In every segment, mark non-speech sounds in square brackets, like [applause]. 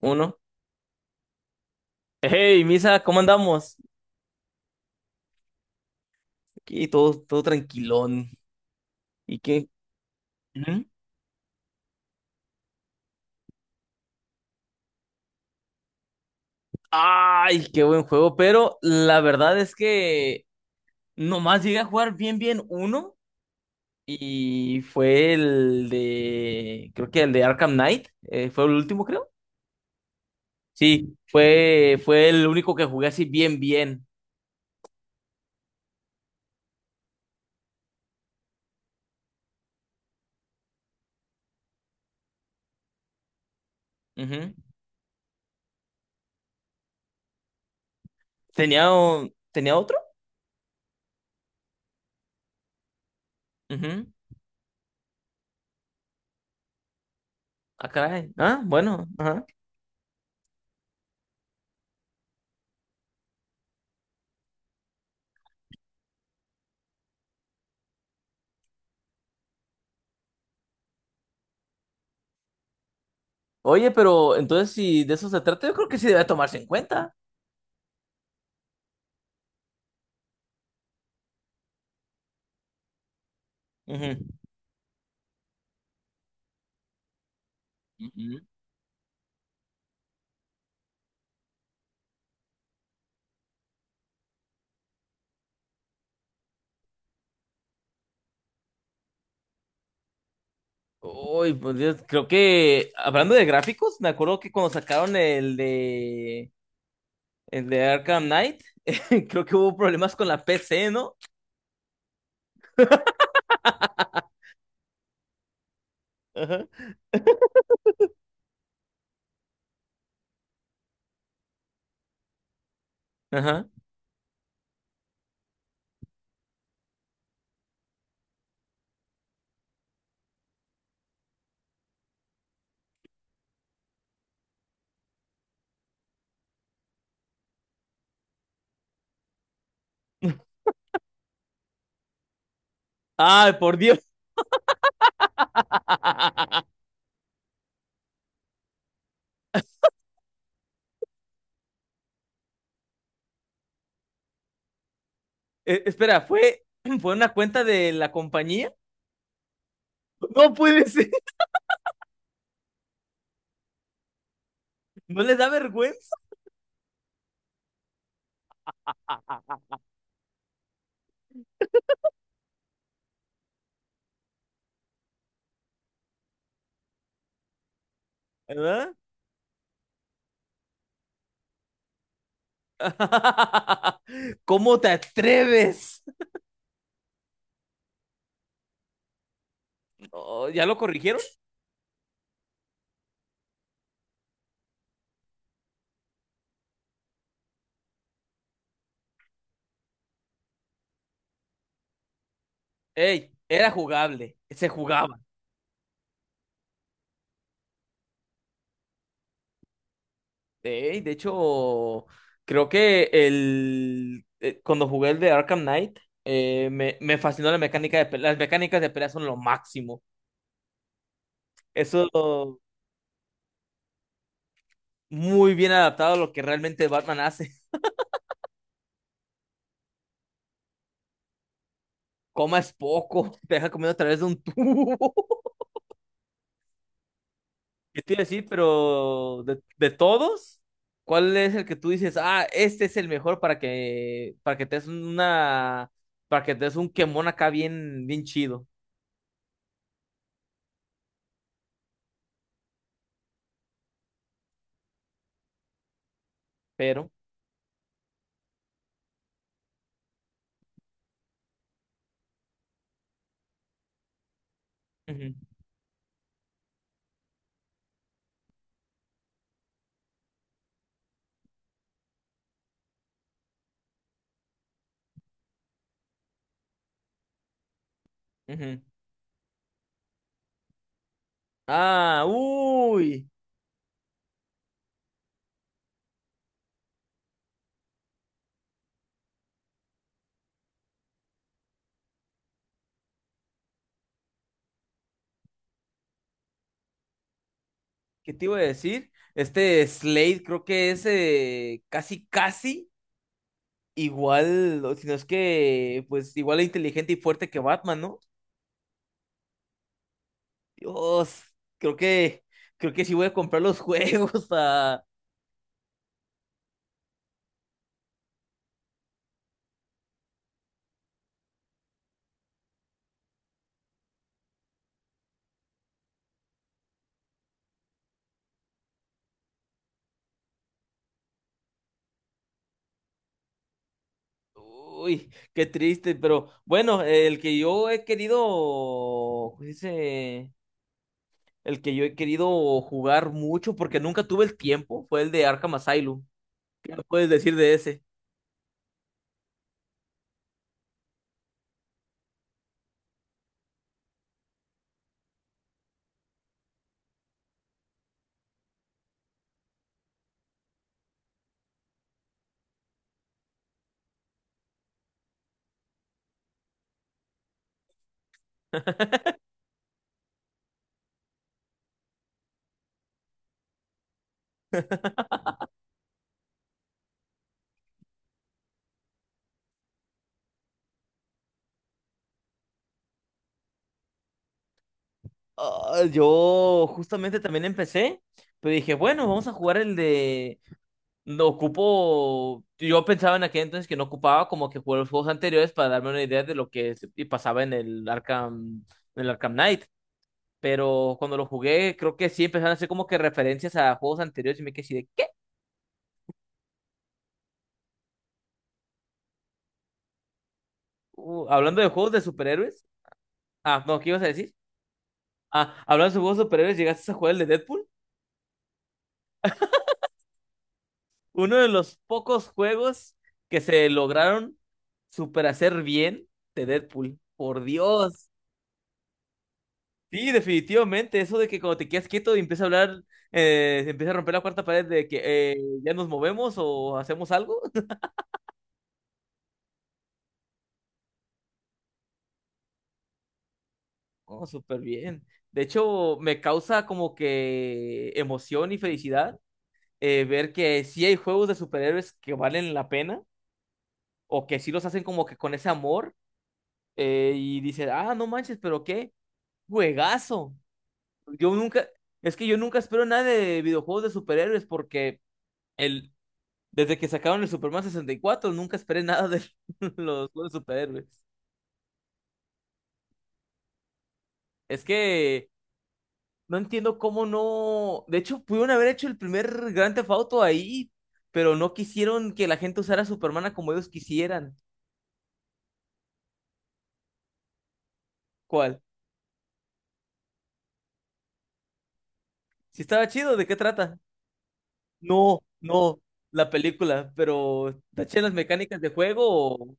Uno. Hey, Misa, ¿cómo andamos? Aquí todo, todo tranquilón. ¿Y qué? Ujú. Ay, qué buen juego, pero la verdad es que nomás llegué a jugar bien, bien uno y fue el de, creo que el de Arkham Knight, fue el último, creo. Sí, fue el único que jugué así bien, bien. Ujú. ¿Tenía otro? Ujú. Ah, caray. Ah, bueno. Ajá. Oye, pero entonces si de eso se trata, yo creo que sí debe tomarse en cuenta. Ujú. Ujú. Uy, pues Dios, creo que hablando de gráficos, me acuerdo que cuando sacaron el de Arkham Knight, [laughs] creo que hubo problemas con la PC, ¿no? Ajá. Ajá. Ay, por Dios. [laughs] Espera, ¿fue, [clears throat] fue una cuenta de la compañía? No puede ser. ¿No les da vergüenza? [laughs] ¿Verdad? [laughs] ¿Cómo te atreves? No, ¿ya lo corrigieron? Ey, era jugable, se jugaba. Ey, de hecho, creo que cuando jugué el de Arkham Knight, me fascinó la mecánica de pelea. Las mecánicas de pelea son lo máximo. Eso muy bien adaptado a lo que realmente Batman hace. [laughs] Comas poco, te deja comiendo a través de un tubo. [laughs] ¿Qué te iba a decir? Pero de todos, ¿cuál es el que tú dices, ah, este es el mejor para que te des un quemón acá bien, bien chido? Pero. Ujú, ujú. Ah, uy, ¿qué te iba a decir? Este Slade creo que es casi, casi igual, o si no es que, pues igual de inteligente y fuerte que Batman, ¿no? Dios, creo que, creo que sí voy a comprar los juegos. [laughs] ah. Uy, qué triste, pero bueno, el que yo he querido, ¿cómo se dice? El que yo he querido jugar mucho porque nunca tuve el tiempo fue el de Arkham Asylum. ¿Qué me puedes decir de ese? Ah, yo justamente también empecé, pero dije, bueno, vamos a jugar el de. No ocupo. Yo pensaba en aquel entonces que no ocupaba como que jugar los juegos anteriores para darme una idea de lo que y pasaba en el Arkham Knight. Pero cuando lo jugué, creo que sí empezaron a hacer como que referencias a juegos anteriores y me quedé así de, ¿qué? Hablando de juegos de superhéroes. Ah, no, ¿qué ibas a decir? Ah, hablando de juegos de superhéroes, ¿llegaste a jugar el de Deadpool? Uno de los pocos juegos que se lograron super hacer bien de Deadpool. Por Dios. Sí, definitivamente. Eso de que cuando te quedas quieto y empieza a hablar, empieza a romper la cuarta pared de que eh, ya nos movemos o hacemos algo. [laughs] Oh, súper bien. De hecho, me causa como que emoción y felicidad ver que sí hay juegos de superhéroes que valen la pena o que sí los hacen como que con ese amor y dices, ah, no manches, pero qué juegazo. Yo nunca, es que yo nunca espero nada de videojuegos de superhéroes porque el, desde que sacaron el Superman 64 nunca esperé nada de [laughs] los juegos de superhéroes. Es que no entiendo cómo no, de hecho pudieron haber hecho el primer Grand Theft Auto ahí, pero no quisieron que la gente usara a Superman a como ellos quisieran. ¿Cuál? Si estaba chido, ¿de qué trata? No, no, la película, pero taché las mecánicas de juego.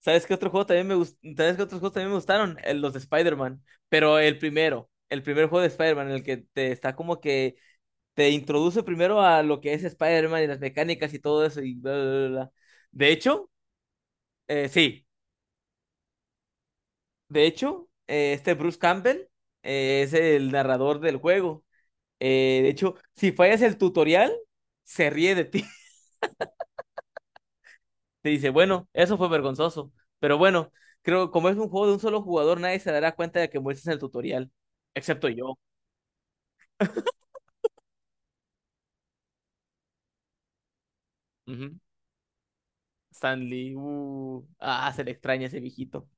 ¿Sabes qué otros juegos también me gustaron? Los de Spider-Man. Pero el primero, el primer juego de Spider-Man, en el que te está como que te introduce primero a lo que es Spider-Man y las mecánicas y todo eso y bla, bla, bla, bla. De hecho, sí, de hecho, este Bruce Campbell es el narrador del juego. De hecho, si fallas el tutorial, se ríe de ti. Te dice, bueno, eso fue vergonzoso. Pero bueno, creo como es un juego de un solo jugador, nadie se dará cuenta de que muestras el tutorial, excepto yo. Ujú. Stanley, ah, se le extraña ese viejito.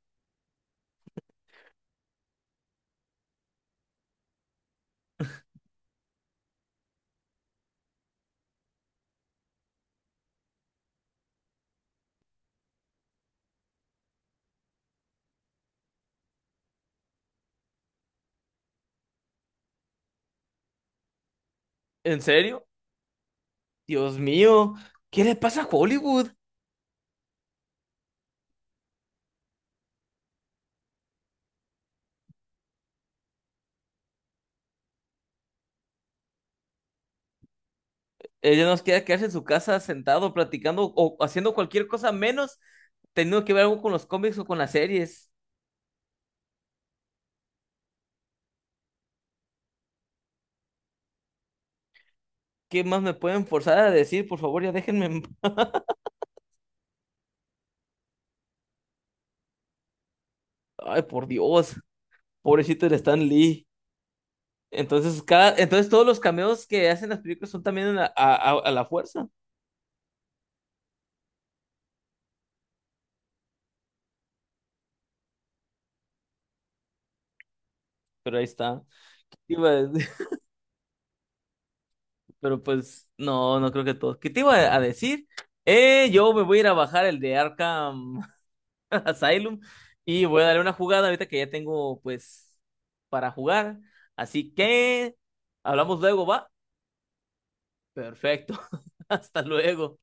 ¿En serio? Dios mío, ¿qué le pasa a Hollywood? Ella nos queda quedarse en su casa sentado, platicando o haciendo cualquier cosa menos teniendo que ver algo con los cómics o con las series. ¿Qué más me pueden forzar a decir? Por favor, ya déjenme en. Ay, por Dios, pobrecito el Stan Lee. Entonces, todos los cameos que hacen las películas son también a la fuerza, pero ahí está. Te iba a decir- [laughs] Pero pues, no, no creo que todos. ¿Qué te iba a decir? Yo me voy a ir a bajar el de Arkham [laughs] Asylum y voy a darle una jugada ahorita que ya tengo, pues, para jugar. Así que, hablamos luego, ¿va? Perfecto. [laughs] Hasta luego.